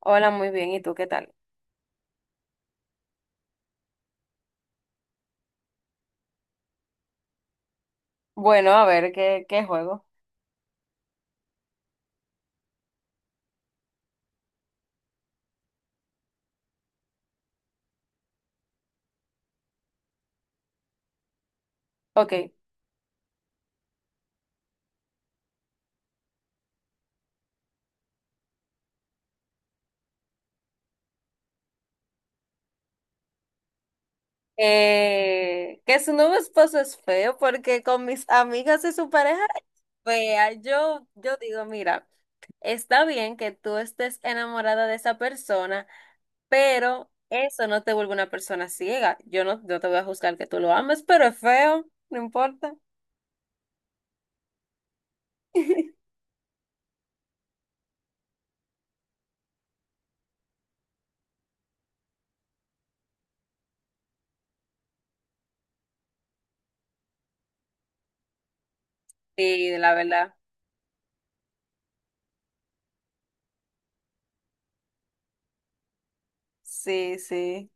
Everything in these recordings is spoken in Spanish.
Hola, muy bien. ¿Y tú qué tal? Bueno, a ver, ¿qué juego? Ok. Que su nuevo esposo es feo porque con mis amigas y su pareja es fea. Yo digo, mira, está bien que tú estés enamorada de esa persona, pero eso no te vuelve una persona ciega. Yo no te voy a juzgar que tú lo ames, pero es feo, no importa. Sí, la verdad. Sí, sí.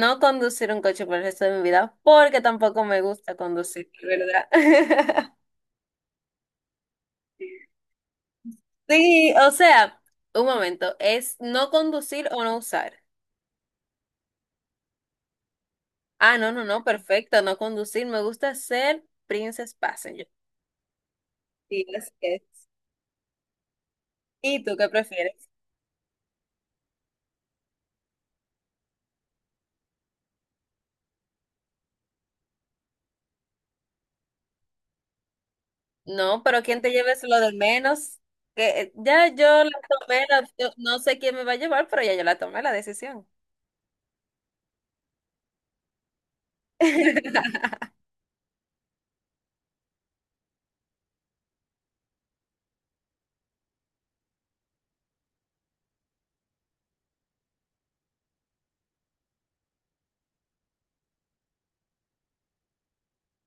No conducir un coche por el resto de mi vida, porque tampoco me gusta conducir, de ¿verdad? Sí, o sea, un momento, es no conducir o no usar. Ah, no, no, no, perfecto, no conducir. Me gusta ser Princess Passenger. Sí, así es. ¿Y tú qué prefieres? No, pero ¿quién te lleves lo del menos? Que ya yo la tomé, la opción, no sé quién me va a llevar, pero ya yo la tomé la decisión.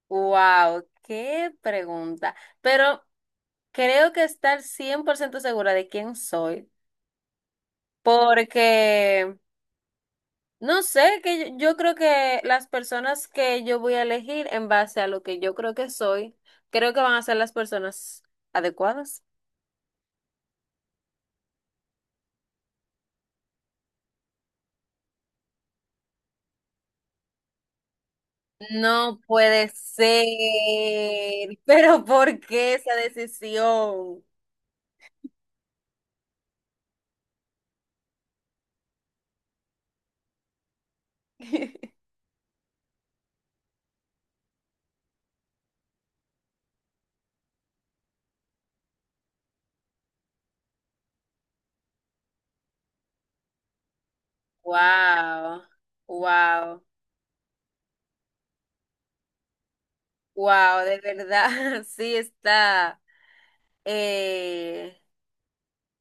Wow, qué pregunta. Pero creo que estar 100% segura de quién soy, porque no sé, que yo creo que las personas que yo voy a elegir en base a lo que yo creo que soy, creo que van a ser las personas adecuadas. No puede ser, pero ¿por qué esa decisión? Wow, wow, wow, de verdad, sí está. Eh,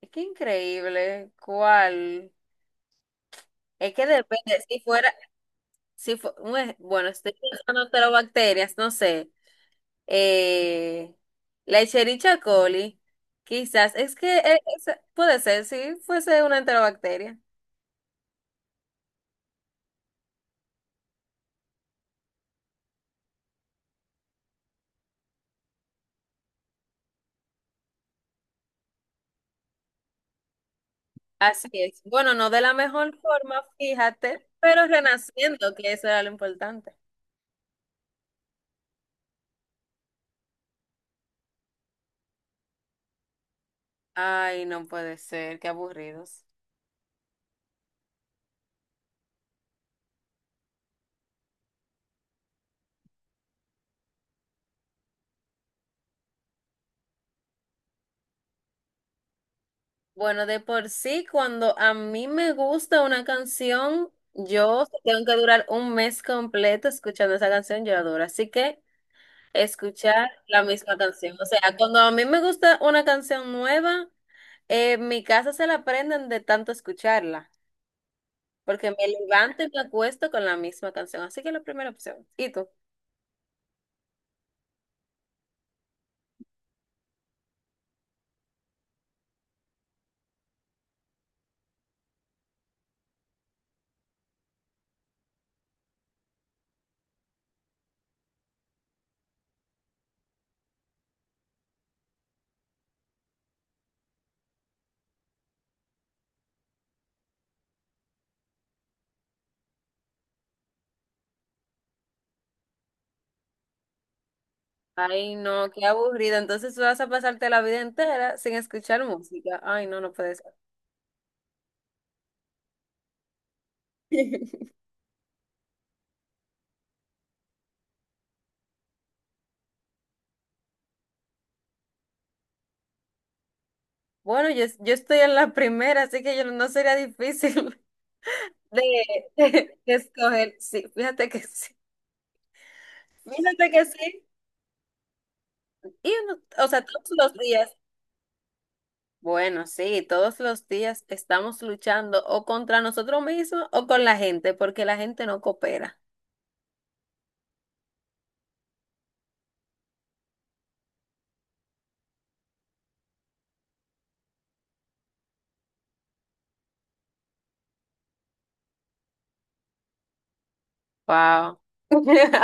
es que increíble. ¿Cuál? Es que depende. Si fuera, si fue, un ej- bueno, estoy pensando en bacterias, no sé. Eh, la Escherichia coli, quizás. Es que puede ser, si fuese una enterobacteria. Así es. Bueno, no de la mejor forma, fíjate, pero renaciendo, que eso era lo importante. Ay, no puede ser, qué aburridos. Bueno, de por sí, cuando a mí me gusta una canción, yo tengo que durar un mes completo escuchando esa canción, yo la adoro. Así que escuchar la misma canción. O sea, cuando a mí me gusta una canción nueva, en mi casa se la aprenden de tanto escucharla, porque me levanto y me acuesto con la misma canción. Así que la primera opción. ¿Y tú? Ay, no, qué aburrido. Entonces tú vas a pasarte la vida entera sin escuchar música. Ay, no, no puede ser. Bueno, yo estoy en la primera, así que yo no sería difícil de, de escoger. Sí, fíjate que sí. Fíjate que sí. Y o sea, todos los días. Bueno, sí, todos los días estamos luchando o contra nosotros mismos o con la gente, porque la gente no coopera. Wow.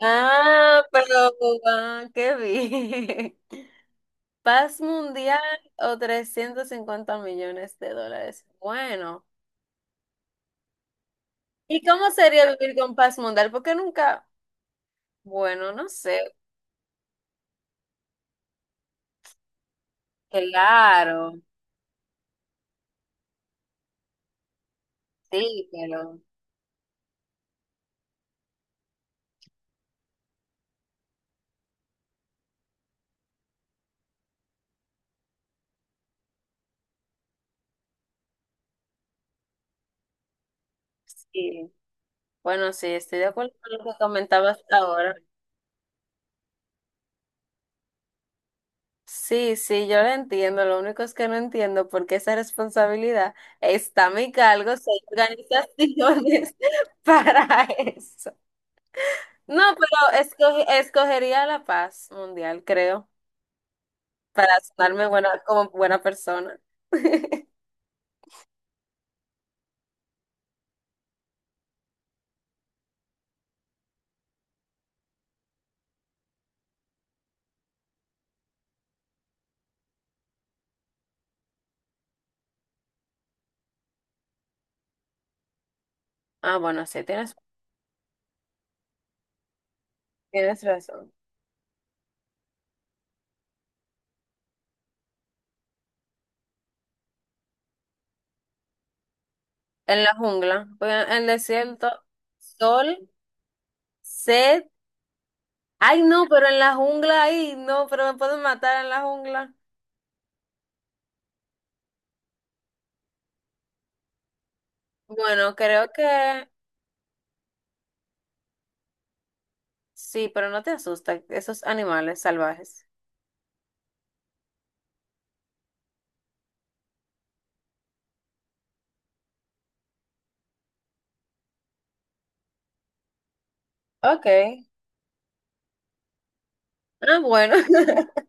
Ah, pero qué bien. Paz mundial o $350 millones. Bueno. ¿Y cómo sería vivir con paz mundial? Porque nunca, bueno, no sé. Claro, sí, pero sí. Bueno, sí, estoy de acuerdo con lo que comentabas ahora. Sí, sí, yo lo entiendo. Lo único es que no entiendo por qué esa responsabilidad está a mi cargo si hay organizaciones para eso. No, pero escogería la paz mundial, creo, para sonarme buena, como buena persona. Ah, bueno, sí, tienes razón. En la jungla, pues, en el desierto, sol, sed. Ay, no, pero en la jungla, ay, no, pero me pueden matar en la jungla. Bueno, creo que sí, pero no te asustan esos animales salvajes. Ok. Ah, bueno.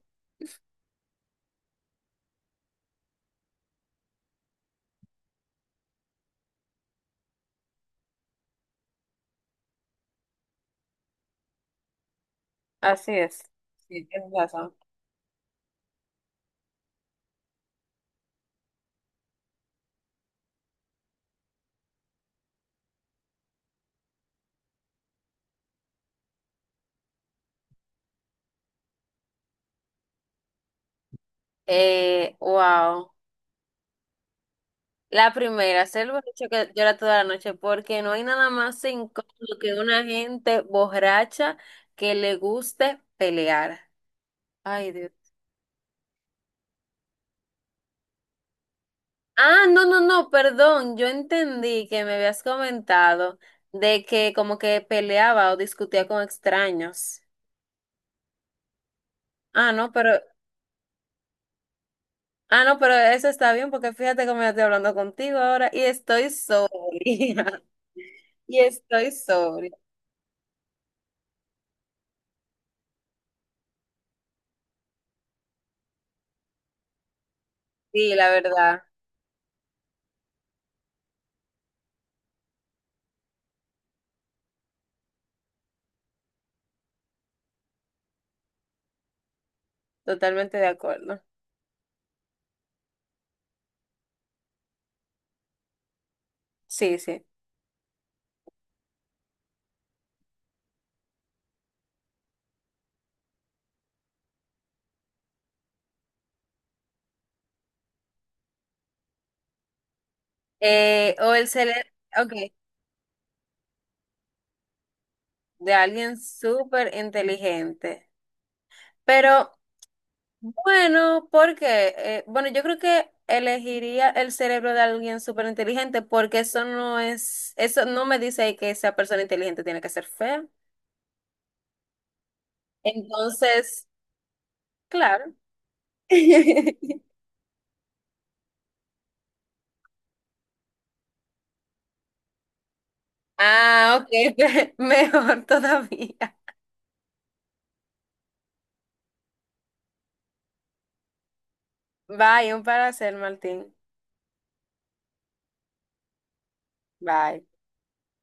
Así es. Sí, tienes razón. Wow. La primera, ser borracho que llora toda la noche, porque no hay nada más incómodo que una gente borracha que le guste pelear. Ay, Dios. Ah, no, no, no, perdón, yo entendí que me habías comentado de que como que peleaba o discutía con extraños. Ah, no, pero, ah, no, pero eso está bien porque fíjate cómo yo estoy hablando contigo ahora y estoy sobria. Y estoy sobria. Sí, la verdad, totalmente de acuerdo. Sí, sí. O el cerebro, ok, de alguien súper inteligente. Pero bueno, porque, bueno, yo creo que elegiría el cerebro de alguien súper inteligente porque eso no es, eso no me dice que esa persona inteligente tiene que ser fea. Entonces, claro. Ah, ok, mejor todavía. Bye, un placer, Martín. Bye.